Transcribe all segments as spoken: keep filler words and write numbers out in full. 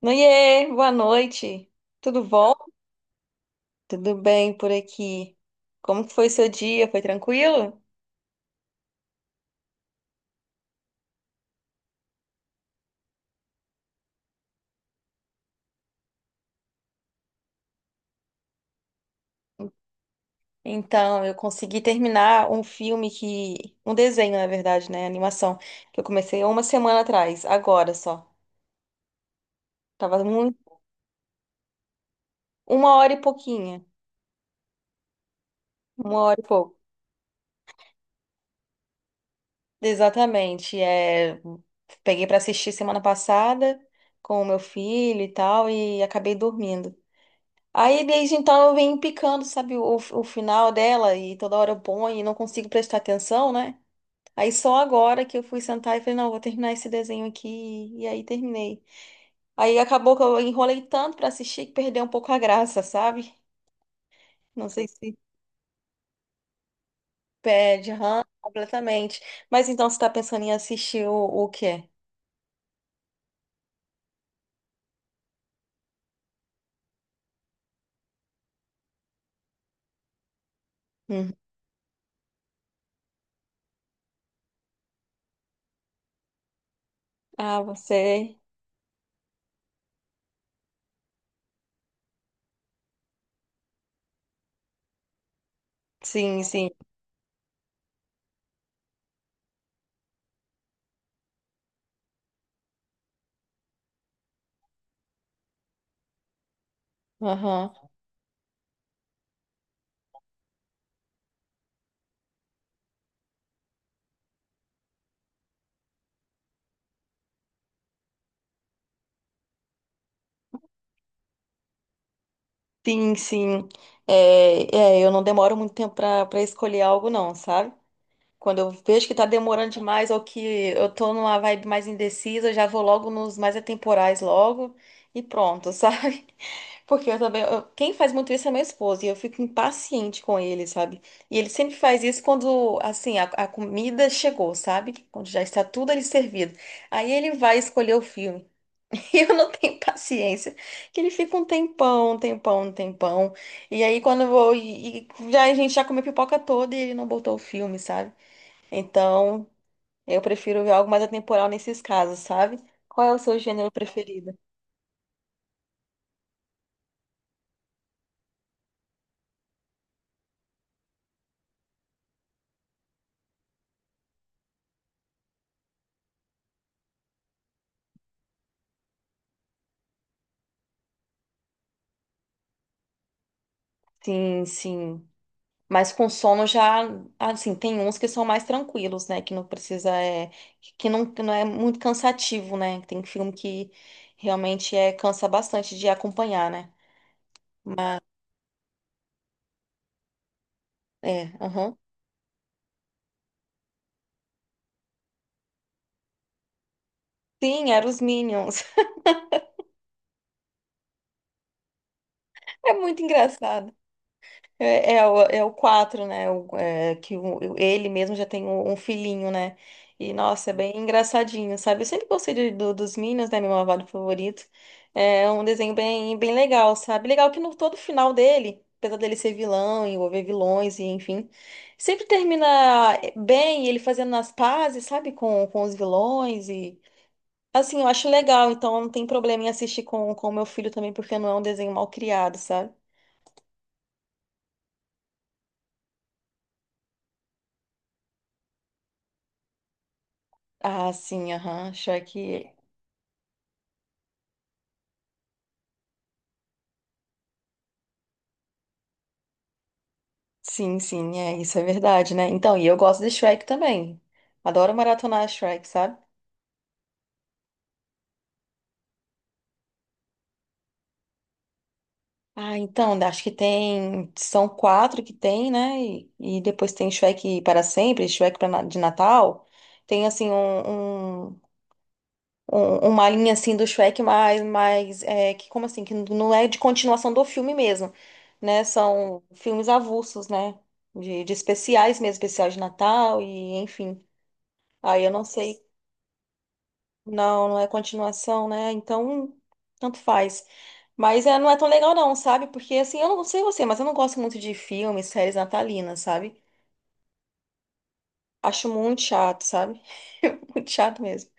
Noie, boa noite. Tudo bom? Tudo bem por aqui. Como que foi seu dia? Foi tranquilo? Então, eu consegui terminar um filme que... um desenho, na verdade, né? Animação. Que eu comecei há uma semana atrás, agora só. Tava muito... Uma hora e pouquinha. Uma hora e pouco. Exatamente. É... Peguei pra assistir semana passada com o meu filho e tal e acabei dormindo. Aí desde então eu venho picando, sabe, o, o final dela e toda hora eu ponho e não consigo prestar atenção, né? Aí só agora que eu fui sentar e falei, não, vou terminar esse desenho aqui e aí terminei. Aí acabou que eu enrolei tanto pra assistir que perdeu um pouco a graça, sabe? Não sei se perde, aham, completamente. Mas então você tá pensando em assistir o, o quê? Hum. Ah, você. Sim, sim. Aham. Sim, sim. É, é, eu não demoro muito tempo pra para escolher algo, não, sabe? Quando eu vejo que tá demorando demais ou que eu tô numa vibe mais indecisa, eu já vou logo nos mais atemporais logo e pronto, sabe? Porque eu também, eu- quem faz muito isso é meu esposo e eu fico impaciente com ele, sabe? E ele sempre faz isso quando, assim, a, a comida chegou, sabe? Quando já está tudo ali servido. Aí ele vai escolher o filme. E eu não tenho paciência, que ele fica um tempão, um tempão, um tempão. E aí quando eu vou e, e já a gente já comeu pipoca toda e ele não botou o filme, sabe? Então, eu prefiro ver algo mais atemporal nesses casos, sabe? Qual é o seu gênero preferido? Sim, sim. Mas com sono já, assim, tem uns que são mais tranquilos, né? Que não precisa, é, que não, que não é muito cansativo, né? Tem filme que realmente é, cansa bastante de acompanhar, né? É, aham. Sim, eram os Minions. É muito engraçado. É, é, o, é o quatro, né? O- é, que o- ele mesmo já tem um, um filhinho, né? E, nossa, é bem engraçadinho, sabe? Eu sempre gostei de- do, dos Minions, né? Meu malvado favorito. É um desenho bem, bem legal, sabe? Legal que no todo final dele, apesar dele ser vilão, envolver vilões e enfim, sempre termina eh, bem, ele fazendo as pazes, sabe? Com, com os vilões e... Assim, eu acho legal, então não tem problema em assistir com com o meu filho também, porque não é um desenho mal criado, sabe? Ah, sim, aham. Shrek. Sim, sim, é, isso é verdade, né? Então, e eu gosto de Shrek também. Adoro maratonar Shrek, sabe? Ah, então, né, acho que tem. São quatro que tem, né? E, e depois tem Shrek para sempre, Shrek pra, na- de Natal. Tem, assim, um, um, um- uma linha, assim, do Shrek mais, mais é, que, como assim, que não é de continuação do filme mesmo, né? São filmes avulsos, né? De, de especiais mesmo, especial de Natal e, enfim. Aí eu não sei. Não, não é continuação, né? Então, tanto faz. Mas é, não é tão legal não, sabe? Porque assim, eu não sei você, mas eu não gosto muito de filmes, séries natalinas, sabe? Acho muito chato, sabe? Muito chato mesmo.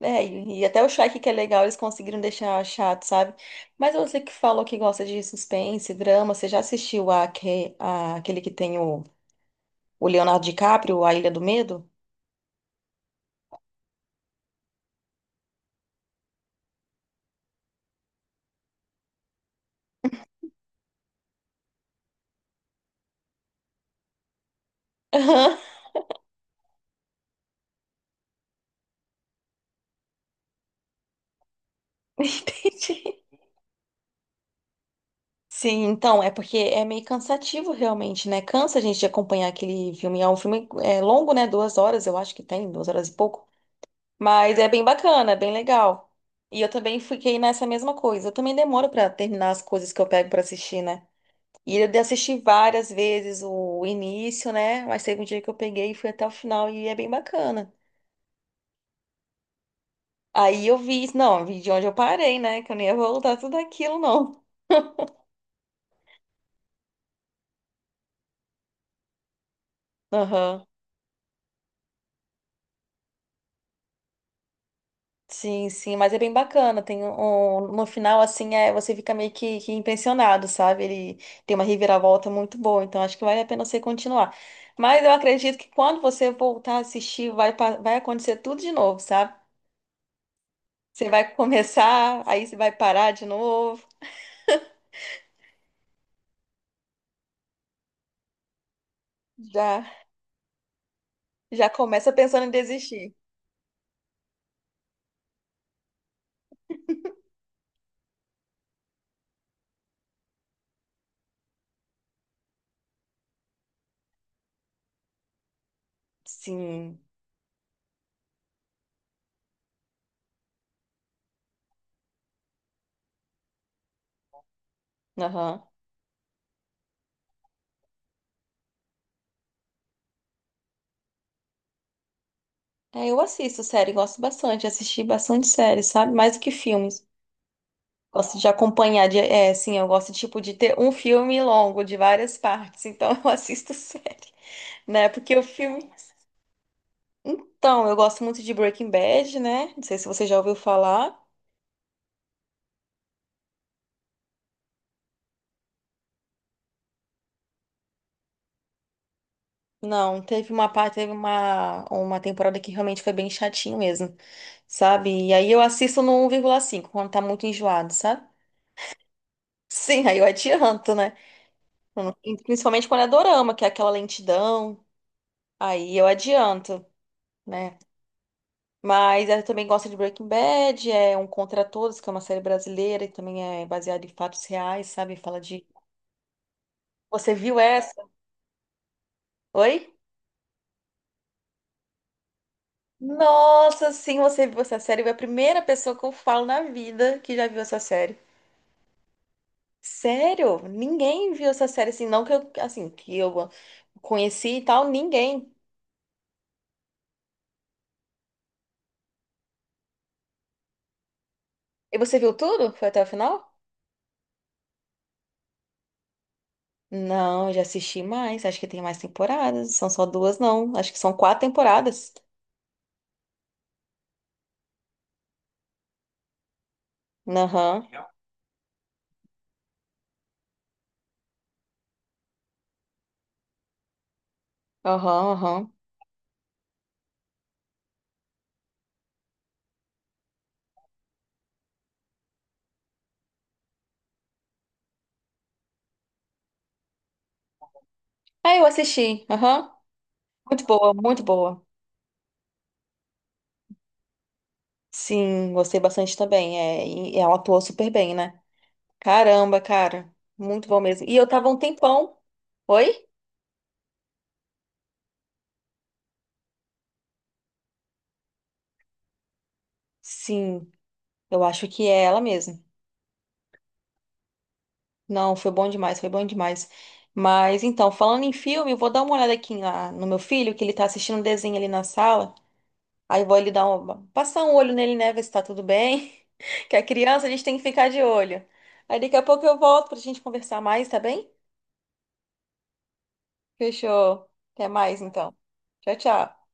É, e, e até o Shrek que é legal, eles conseguiram deixar chato, sabe? Mas você que falou que gosta de suspense, drama, você já assistiu a, aque- a- aquele que tem o, o Leonardo DiCaprio, A Ilha do Medo? Aham, entendi. Sim, então, é porque é meio cansativo realmente, né? Cansa a gente de acompanhar aquele filme. É um filme é, longo, né? Duas horas, eu acho que tem, duas horas e pouco. Mas é bem bacana, é bem legal. E eu também fiquei nessa mesma coisa. Eu também demoro pra terminar as coisas que eu pego pra assistir, né? E eu assisti várias vezes o início, né? Mas teve um dia que eu peguei e fui até o final e é bem bacana. Aí eu vi, não, eu vi de onde eu parei, né? Que eu nem ia voltar tudo aquilo, não. Aham. Sim, sim, mas é bem bacana. Tem um, no final, assim, é, você fica meio que, que impressionado, sabe? Ele tem uma reviravolta muito boa, então acho que vale a pena você continuar. Mas eu acredito que quando você voltar a assistir, vai, pa- vai acontecer tudo de novo, sabe? Você vai começar, aí você vai parar de novo, já, já começa pensando em desistir. Sim, aham. É, eu assisto série, gosto bastante, assisti bastante série, sabe? Mais do que filmes. Gosto de acompanhar, de, é, sim, eu gosto, tipo, de ter um filme longo, de várias partes, então eu assisto série, né, porque o filme... Então, eu gosto muito de Breaking Bad, né, não sei se você já ouviu falar, não, teve uma parte, teve uma, uma temporada que realmente foi bem chatinho mesmo, sabe, e aí eu assisto no um vírgula cinco quando tá muito enjoado, sabe? Sim, aí eu adianto, né, principalmente quando é dorama, que é aquela lentidão, aí eu adianto, né. Mas ela também gosta de Breaking Bad, é Um Contra Todos, que é uma série brasileira e também é baseada em fatos reais, sabe? Fala de. Você viu essa? Oi? Nossa, sim, você viu essa série? É a primeira pessoa que eu falo na vida que já viu essa série. Sério? Ninguém viu essa série assim, não que eu, assim, que eu conheci e tal, ninguém. E você viu tudo? Foi até o final? Não, eu já assisti mais. Acho que tem mais temporadas. São só duas, não. Acho que são quatro temporadas. Aham. Aham, aham. Ah, eu assisti. Aham. Muito boa, muito boa. Sim, gostei bastante também. É, e ela atuou super bem, né? Caramba, cara. Muito bom mesmo. E eu tava um tempão. Oi? Sim, eu acho que é ela mesmo. Não, foi bom demais, foi bom demais. Mas então, falando em filme, eu vou dar uma olhada aqui lá no meu filho, que ele tá assistindo um desenho ali na sala. Aí eu vou ele dar uma, passar um olho nele, né? Ver se tá tudo bem. Que a criança a gente tem que ficar de olho. Aí daqui a pouco eu volto pra gente conversar mais, tá bem? Fechou. Até mais, então. Tchau, tchau.